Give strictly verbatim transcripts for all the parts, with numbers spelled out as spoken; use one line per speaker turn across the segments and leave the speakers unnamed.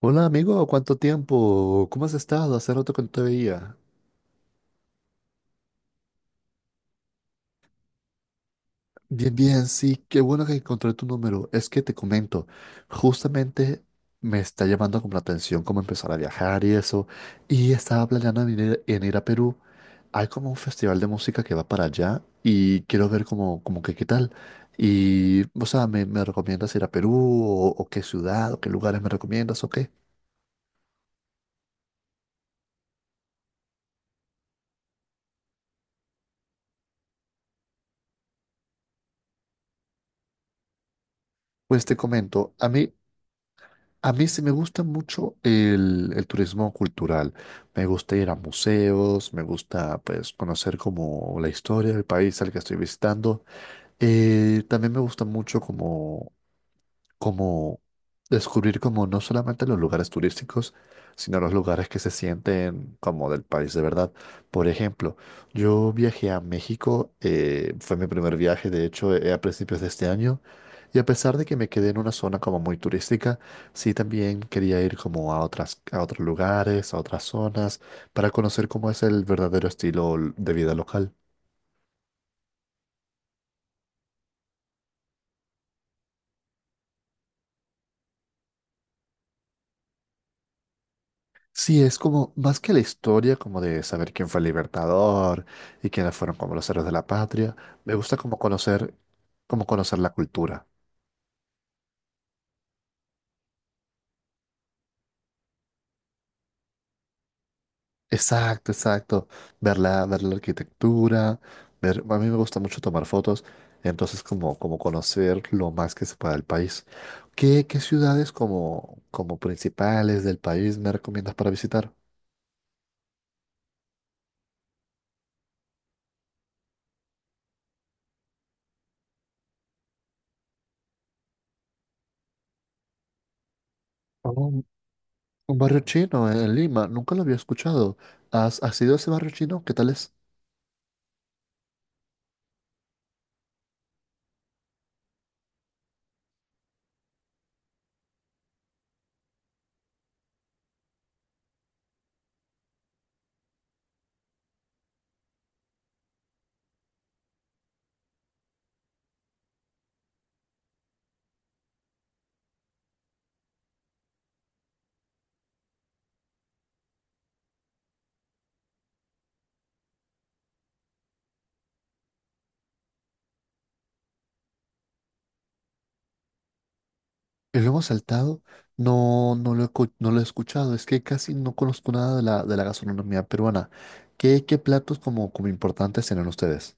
Hola amigo, ¿cuánto tiempo? ¿Cómo has estado? Hace rato que no te veía. Bien, bien, sí, qué bueno que encontré tu número. Es que te comento, justamente me está llamando como la atención cómo empezar a viajar y eso. Y estaba planeando en ir, en ir a Perú. Hay como un festival de música que va para allá y quiero ver como, como que qué tal. Y, o sea, ¿me, me recomiendas ir a Perú o, o qué ciudad o qué lugares me recomiendas o qué? Pues te comento, a mí A mí sí me gusta mucho el, el turismo cultural. Me gusta ir a museos, me gusta pues conocer como la historia del país al que estoy visitando. Eh, también me gusta mucho como descubrir como no solamente los lugares turísticos, sino los lugares que se sienten como del país de verdad. Por ejemplo, yo viajé a México, eh, fue mi primer viaje, de hecho, eh, a principios de este año, y a pesar de que me quedé en una zona como muy turística, sí también quería ir como a otras, a otros lugares, a otras zonas, para conocer cómo es el verdadero estilo de vida local. Sí, es como más que la historia, como de saber quién fue el libertador y quiénes fueron como los héroes de la patria. Me gusta como conocer, como conocer la cultura. Exacto, exacto. Ver la, ver la arquitectura, ver, a mí me gusta mucho tomar fotos, entonces como, como conocer lo más que se pueda del país. ¿Qué, qué ciudades como, como principales del país me recomiendas para visitar? Oh, un barrio chino en Lima, nunca lo había escuchado. ¿Has, has ido a ese barrio chino? ¿Qué tal es? El lomo saltado no, no lo he, cu- no lo he escuchado, es que casi no conozco nada de la, de la gastronomía peruana. ¿Qué, qué platos como, como importantes tienen ustedes?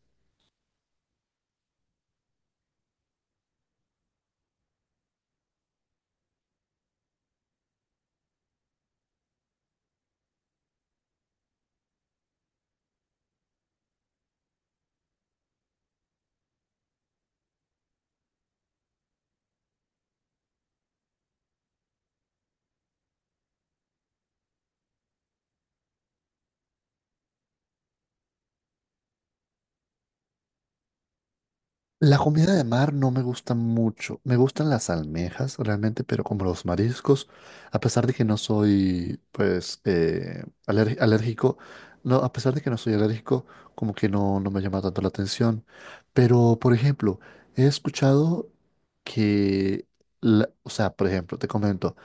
La comida de mar no me gusta mucho. Me gustan las almejas realmente, pero como los mariscos, a pesar de que no soy, pues, eh, aler- alérgico, no, a pesar de que no soy alérgico, como que no, no me llama tanto la atención. Pero, por ejemplo, he escuchado que, la- o sea, por ejemplo, te comento.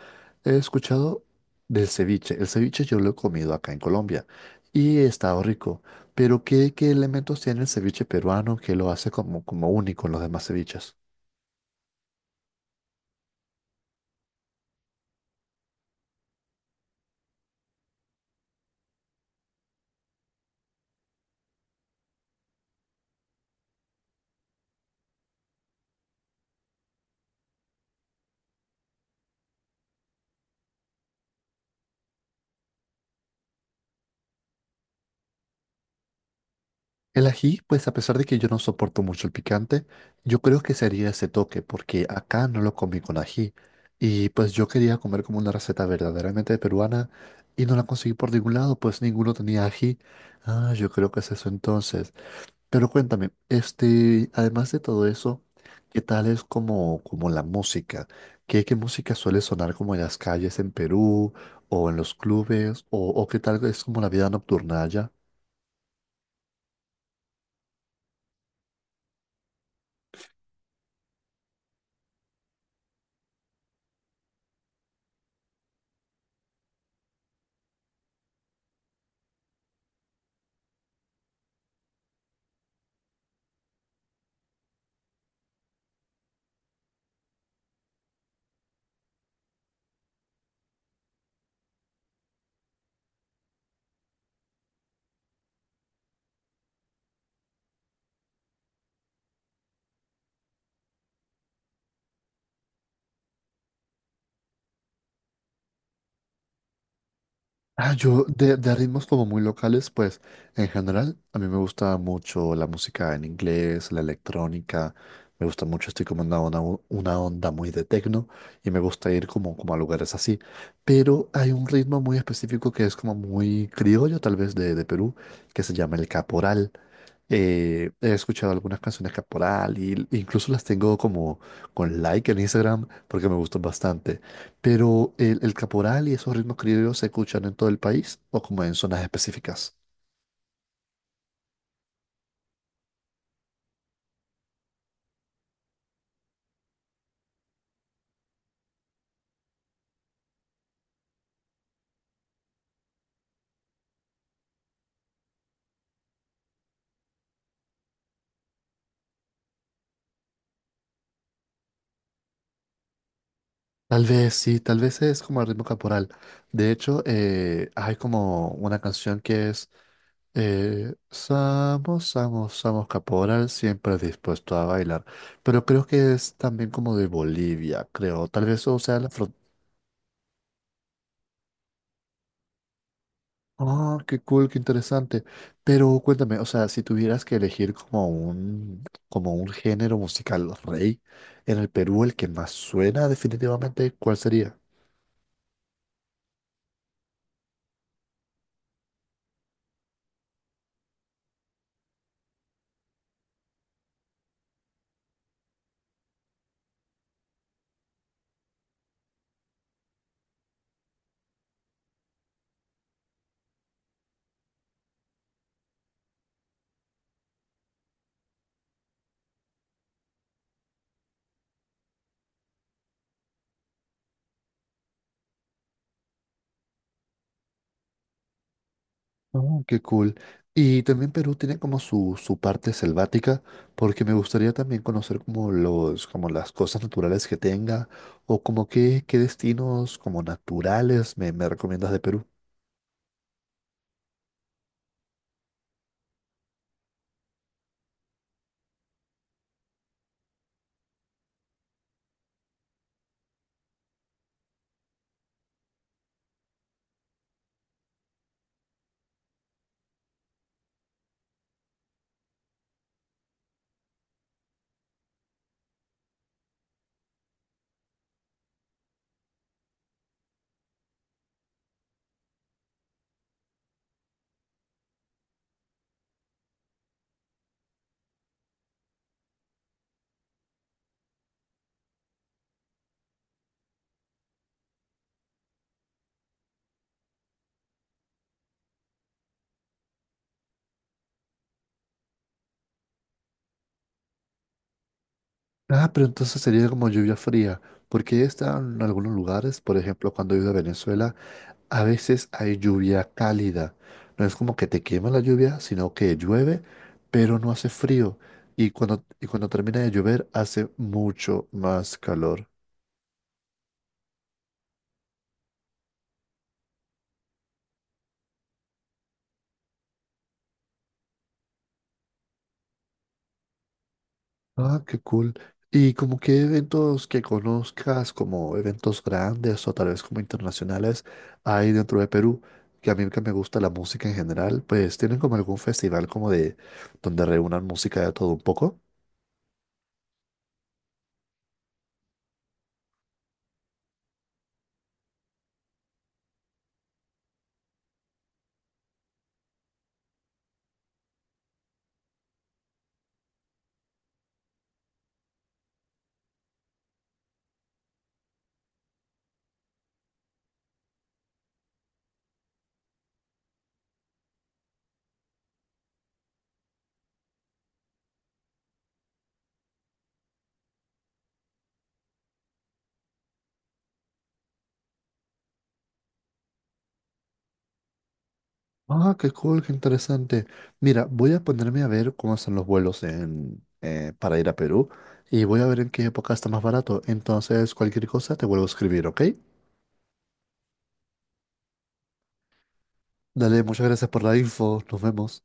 He escuchado del ceviche. El ceviche yo lo he comido acá en Colombia y he estado rico. Pero ¿qué, qué elementos tiene el ceviche peruano que lo hace como, como único en los demás ceviches? El ají, pues a pesar de que yo no soporto mucho el picante, yo creo que sería ese toque, porque acá no lo comí con ají. Y pues yo quería comer como una receta verdaderamente peruana y no la conseguí por ningún lado, pues ninguno tenía ají. Ah, yo creo que es eso entonces. Pero cuéntame, este, además de todo eso, ¿qué tal es como, como la música? ¿Qué, qué música suele sonar como en las calles en Perú o en los clubes? ¿O, o qué tal es como la vida nocturna allá? Ah, yo de, de ritmos como muy locales, pues en general a mí me gusta mucho la música en inglés, la electrónica, me gusta mucho, estoy como en una onda, u- una onda muy de techno y me gusta ir como, como a lugares así. Pero hay un ritmo muy específico que es como muy criollo, tal vez de, de Perú, que se llama el caporal. Eh, he escuchado algunas canciones caporal y incluso las tengo como con like en Instagram porque me gustan bastante. Pero el, el caporal y esos ritmos criollos se escuchan en todo el país o como en zonas específicas. Tal vez sí, tal vez es como el ritmo caporal. De hecho, eh, hay como una canción que es eh, Samos, Samos, Samos Caporal, siempre dispuesto a bailar. Pero creo que es también como de Bolivia, creo. Tal vez o sea la fron- Ah, qué cool, qué interesante. Pero cuéntame, o sea, si tuvieras que elegir como un, como un género musical rey en el Perú, el que más suena definitivamente, ¿cuál sería? Oh, qué cool. Y también Perú tiene como su, su parte selvática, porque me gustaría también conocer como los, como las cosas naturales que tenga, o como qué, qué destinos como naturales me, me recomiendas de Perú. Ah, pero entonces sería como lluvia fría, porque está en algunos lugares, por ejemplo, cuando he ido a Venezuela, a veces hay lluvia cálida. No es como que te quema la lluvia, sino que llueve, pero no hace frío. Y cuando, y cuando termina de llover, hace mucho más calor. Ah, qué cool. Y como que eventos que conozcas, como eventos grandes o tal vez como internacionales, hay dentro de Perú, que a mí que me gusta la música en general, pues tienen como algún festival como de donde reúnan música de todo un poco. Ah, qué cool, qué interesante. Mira, voy a ponerme a ver cómo están los vuelos en, eh, para ir a Perú y voy a ver en qué época está más barato. Entonces, cualquier cosa te vuelvo a escribir, ¿ok? Dale, muchas gracias por la info. Nos vemos.